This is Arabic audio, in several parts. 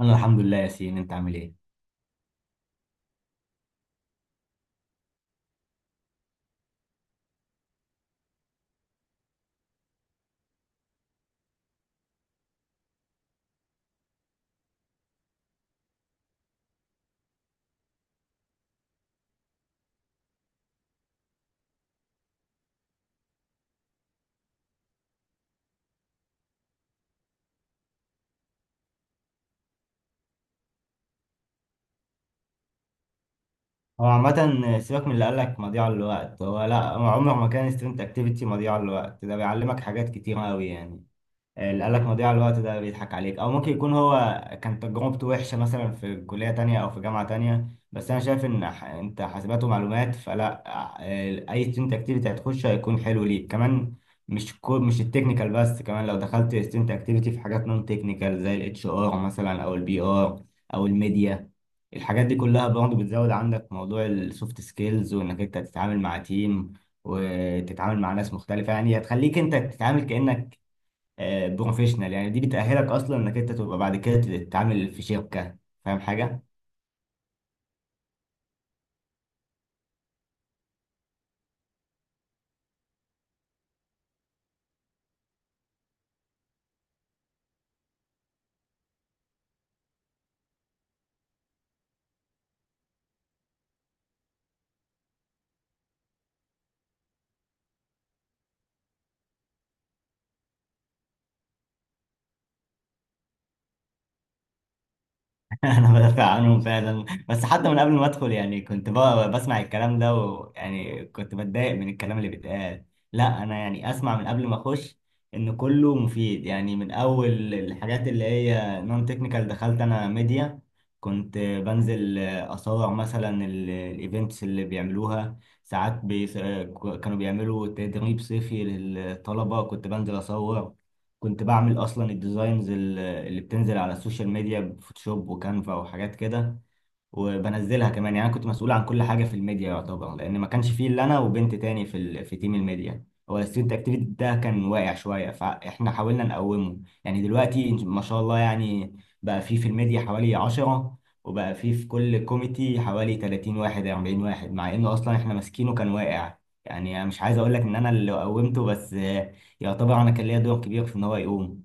انا الحمد لله يا سين، انت عامل ايه؟ هو عامه سيبك من اللي قال لك مضيعه للوقت. هو لا، هو عمره ما كان ستودنت اكتيفيتي مضيعه للوقت، ده بيعلمك حاجات كتير قوي يعني. اللي قالك مضيعة الوقت ده بيضحك عليك، او ممكن يكون هو كان تجربته وحشة مثلا في كلية تانية او في جامعة تانية. بس انا شايف ان انت حاسبات ومعلومات، فلا، اي ستودنت اكتيفيتي هتخشه هيكون حلو ليك كمان. مش كو مش التكنيكال بس، كمان لو دخلت ستودنت اكتيفيتي في حاجات نون تكنيكال زي الاتش ار مثلا او البي ار او الميديا. الحاجات دي كلها برضه بتزود عندك موضوع السوفت سكيلز، وانك انت تتعامل مع تيم وتتعامل مع ناس مختلفة. يعني هتخليك انت تتعامل كأنك بروفيشنال، يعني دي بتأهلك اصلا انك انت تبقى بعد كده تتعامل في شركة. فاهم حاجة؟ انا بدافع عنهم فعلا، بس حتى من قبل ما ادخل يعني كنت بقى بسمع الكلام ده، ويعني كنت بتضايق من الكلام اللي بيتقال. لا انا يعني اسمع من قبل ما اخش ان كله مفيد. يعني من اول الحاجات اللي هي نون تكنيكال دخلت انا ميديا. كنت بنزل اصور مثلا الايفنتس اللي بيعملوها. ساعات بي... كانوا بيعملوا تدريب صيفي للطلبة، كنت بنزل اصور. كنت بعمل اصلا الديزاينز اللي بتنزل على السوشيال ميديا بفوتوشوب وكانفا وحاجات كده، وبنزلها كمان. يعني انا كنت مسؤول عن كل حاجه في الميديا يعتبر، لان ما كانش فيه الا انا وبنت تاني في في تيم الميديا. هو الستودنت اكتيفيتي ده كان واقع شويه فاحنا حاولنا نقومه. يعني دلوقتي ما شاء الله، يعني بقى فيه في الميديا حوالي 10، وبقى فيه في كل كوميتي حوالي 30 واحد 40 واحد، مع انه اصلا احنا ماسكينه كان واقع. يعني انا مش عايز اقول لك ان انا اللي قومته، بس يعتبر انا كان ليا دور كبير في ان هو يقوم.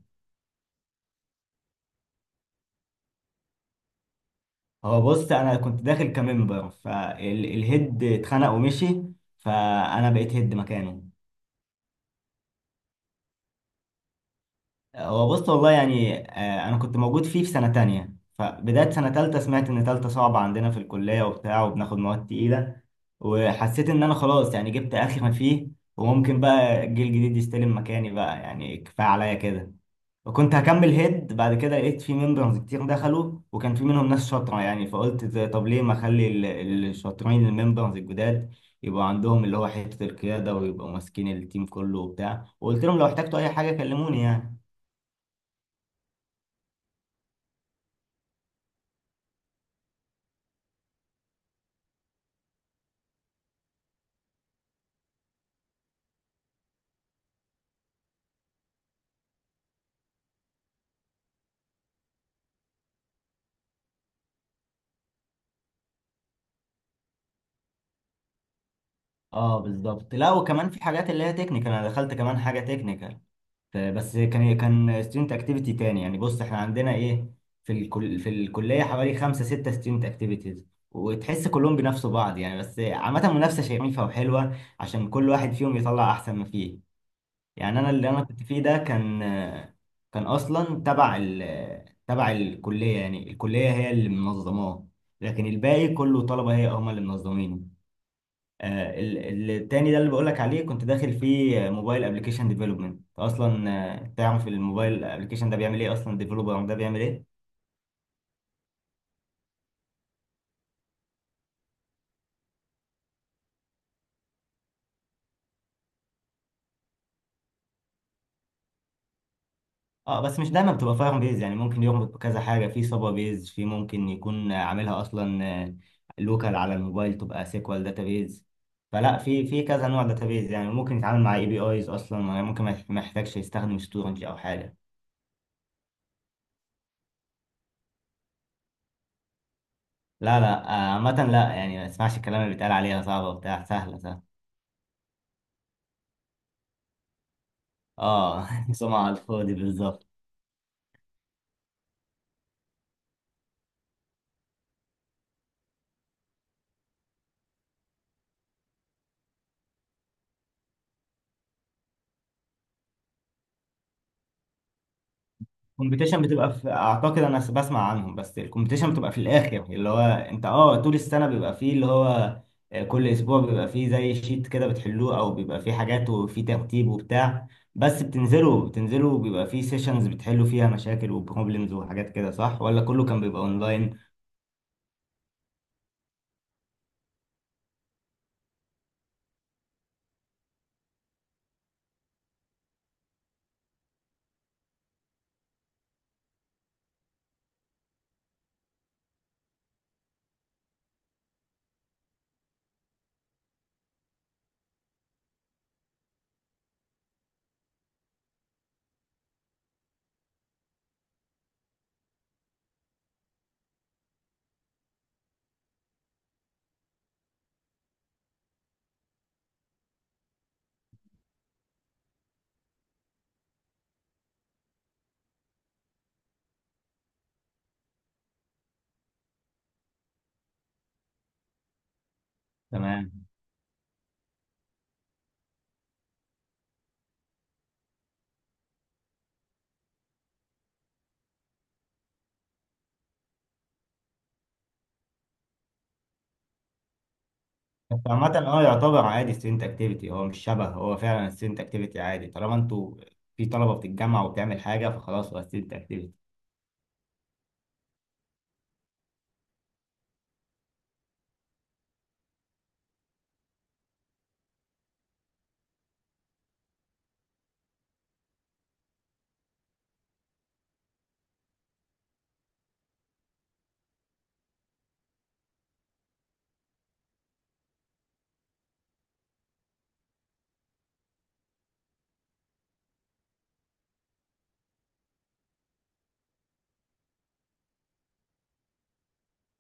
هو بص، انا كنت داخل كممبر فالهيد اتخنق ومشي، فانا بقيت هيد مكانه. هو بص والله، يعني انا كنت موجود فيه في سنة تانية، فبداية سنة تالتة سمعت ان تالتة صعبة عندنا في الكلية وبتاع، وبناخد مواد تقيلة، وحسيت ان انا خلاص يعني جبت اخر ما فيه، وممكن بقى الجيل الجديد يستلم مكاني، بقى يعني كفاية عليا كده. وكنت هكمل هيد، بعد كده لقيت في ممبرز كتير دخلوا، وكان في منهم ناس شاطرة يعني، فقلت طب ليه ما اخلي الشاطرين الممبرز الجداد يبقوا عندهم اللي هو حتة القيادة، ويبقوا ماسكين التيم كله وبتاع، وقلت لهم لو احتجتوا اي حاجة كلموني يعني. اه بالظبط. لا، وكمان في حاجات اللي هي تكنيكال، انا دخلت كمان حاجه تكنيكال، بس كان ستودنت اكتيفيتي تاني. يعني بص احنا عندنا ايه، في في الكليه حوالي خمسه سته ستودنت اكتيفيتيز، وتحس كلهم بينافسوا بعض، يعني بس عامه منافسه شريفه وحلوه عشان كل واحد فيهم يطلع احسن ما فيه. يعني انا اللي انا كنت فيه ده كان اصلا تبع تبع الكليه، يعني الكليه هي اللي منظماه، لكن الباقي كله طلبه هي هم اللي منظمينه. التاني ده اللي بقولك عليه كنت داخل فيه موبايل ابلكيشن ديفلوبمنت اصلا. تعرف الموبايل ابلكيشن ده بيعمل ايه اصلا؟ الديفلوبر ده بيعمل ايه؟ اه بس مش دايما بتبقى فاهم بيز، يعني ممكن يربط بكذا حاجه، في سابا بيز، في ممكن يكون عاملها اصلا لوكال على الموبايل تبقى سيكوال داتابيز. فلا، في كذا نوع داتابيز، يعني ممكن يتعامل مع اي بي ايز اصلا. يعني ممكن ما يحتاجش يستخدم ستورنج او حاجه. لا لا، عامه لا يعني، ما اسمعش الكلام اللي بيتقال عليها صعبه وبتاع، سهله سهله. اه سمعة على الفاضي بالظبط. الكومبيتيشن بتبقى في، اعتقد انا بسمع عنهم، بس الكومبيتيشن بتبقى في الاخر. يعني اللي هو انت اه طول السنه بيبقى فيه اللي هو، كل اسبوع بيبقى فيه زي شيت كده بتحلوه، او بيبقى فيه حاجات وفيه ترتيب وبتاع. بس بتنزلوا بيبقى فيه سيشنز بتحلوا فيها مشاكل وبروبلمز وحاجات كده، صح؟ ولا كله كان بيبقى اونلاين؟ تمام. بس عامة اه يعتبر عادي ستودنت اكتيفيتي، هو مش شبه، هو فعلا ستودنت اكتيفيتي عادي، طالما انتوا في طلبة بتتجمع وبتعمل حاجة فخلاص هو ستودنت اكتيفيتي.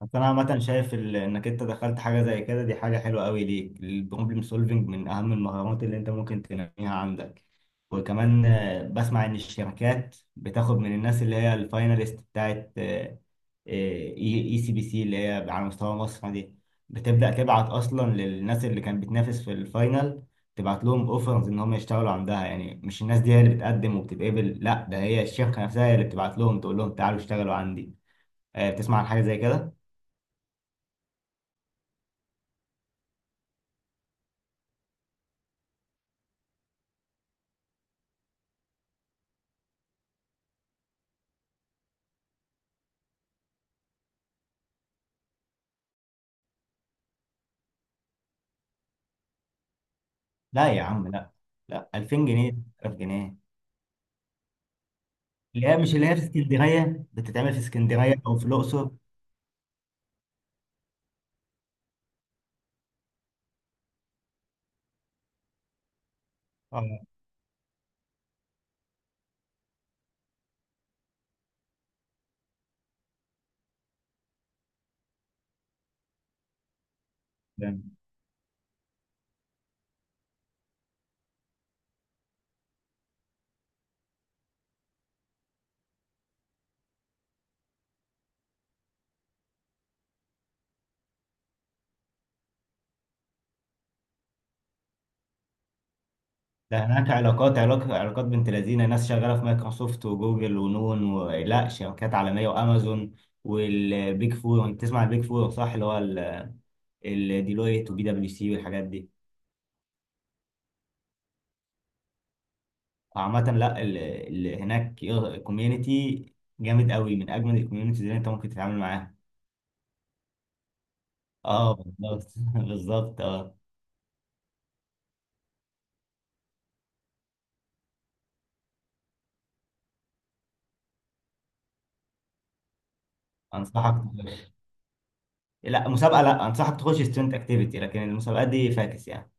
بس انا عامه شايف انك انت دخلت حاجه زي كده دي حاجه حلوه قوي ليك. البروبلم سولفنج من اهم المهارات اللي انت ممكن تنميها عندك. وكمان بسمع ان الشركات بتاخد من الناس اللي هي الفايناليست بتاعت آه، اي إي سي بي سي اللي هي على مستوى مصر دي، بتبدا تبعت اصلا للناس اللي كانت بتنافس في الفاينل، تبعت لهم اوفرز ان هم يشتغلوا عندها. يعني مش الناس دي هي اللي بتقدم وبتتقبل، لا، ده هي الشركه نفسها هي اللي بتبعت لهم تقول لهم تعالوا اشتغلوا عندي. بتسمع عن حاجه زي كده؟ لا يا عم، لا. لا، 2000 جنيه. 1000 جنيه. اللي هي مش، اللي هي في اسكندريه، بتتعمل في اسكندريه او في الاقصر. اه، ده ده هناك علاقات، علاقات، علاقات. بنت لذينه ناس شغاله في مايكروسوفت وجوجل ونون و... لا، شركات عالميه، وامازون، والبيج فور. انت تسمع البيج فور، صح؟ اللي هو الديلويت وبي دبليو سي والحاجات دي. فعامة لا، هناك كوميونتي جامد قوي، من اجمل الكوميونتيز اللي انت ممكن تتعامل معاها. اه بالظبط بالظبط اه. انصحك، لا مسابقه، لا انصحك تخش ستودنت اكتيفيتي، لكن المسابقات دي فاكس يعني.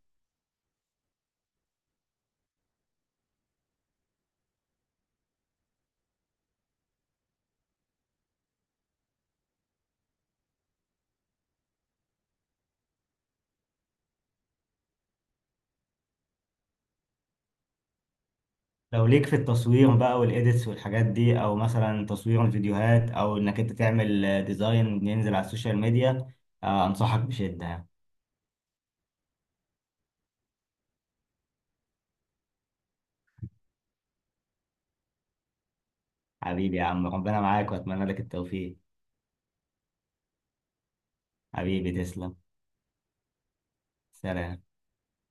لو ليك في التصوير بقى والايديتس والحاجات دي، او مثلا تصوير الفيديوهات، او انك انت تعمل ديزاين ينزل على السوشيال ميديا، انصحك بشده يعني. حبيبي يا عم، ربنا معاك واتمنى لك التوفيق. حبيبي، تسلم. سلام.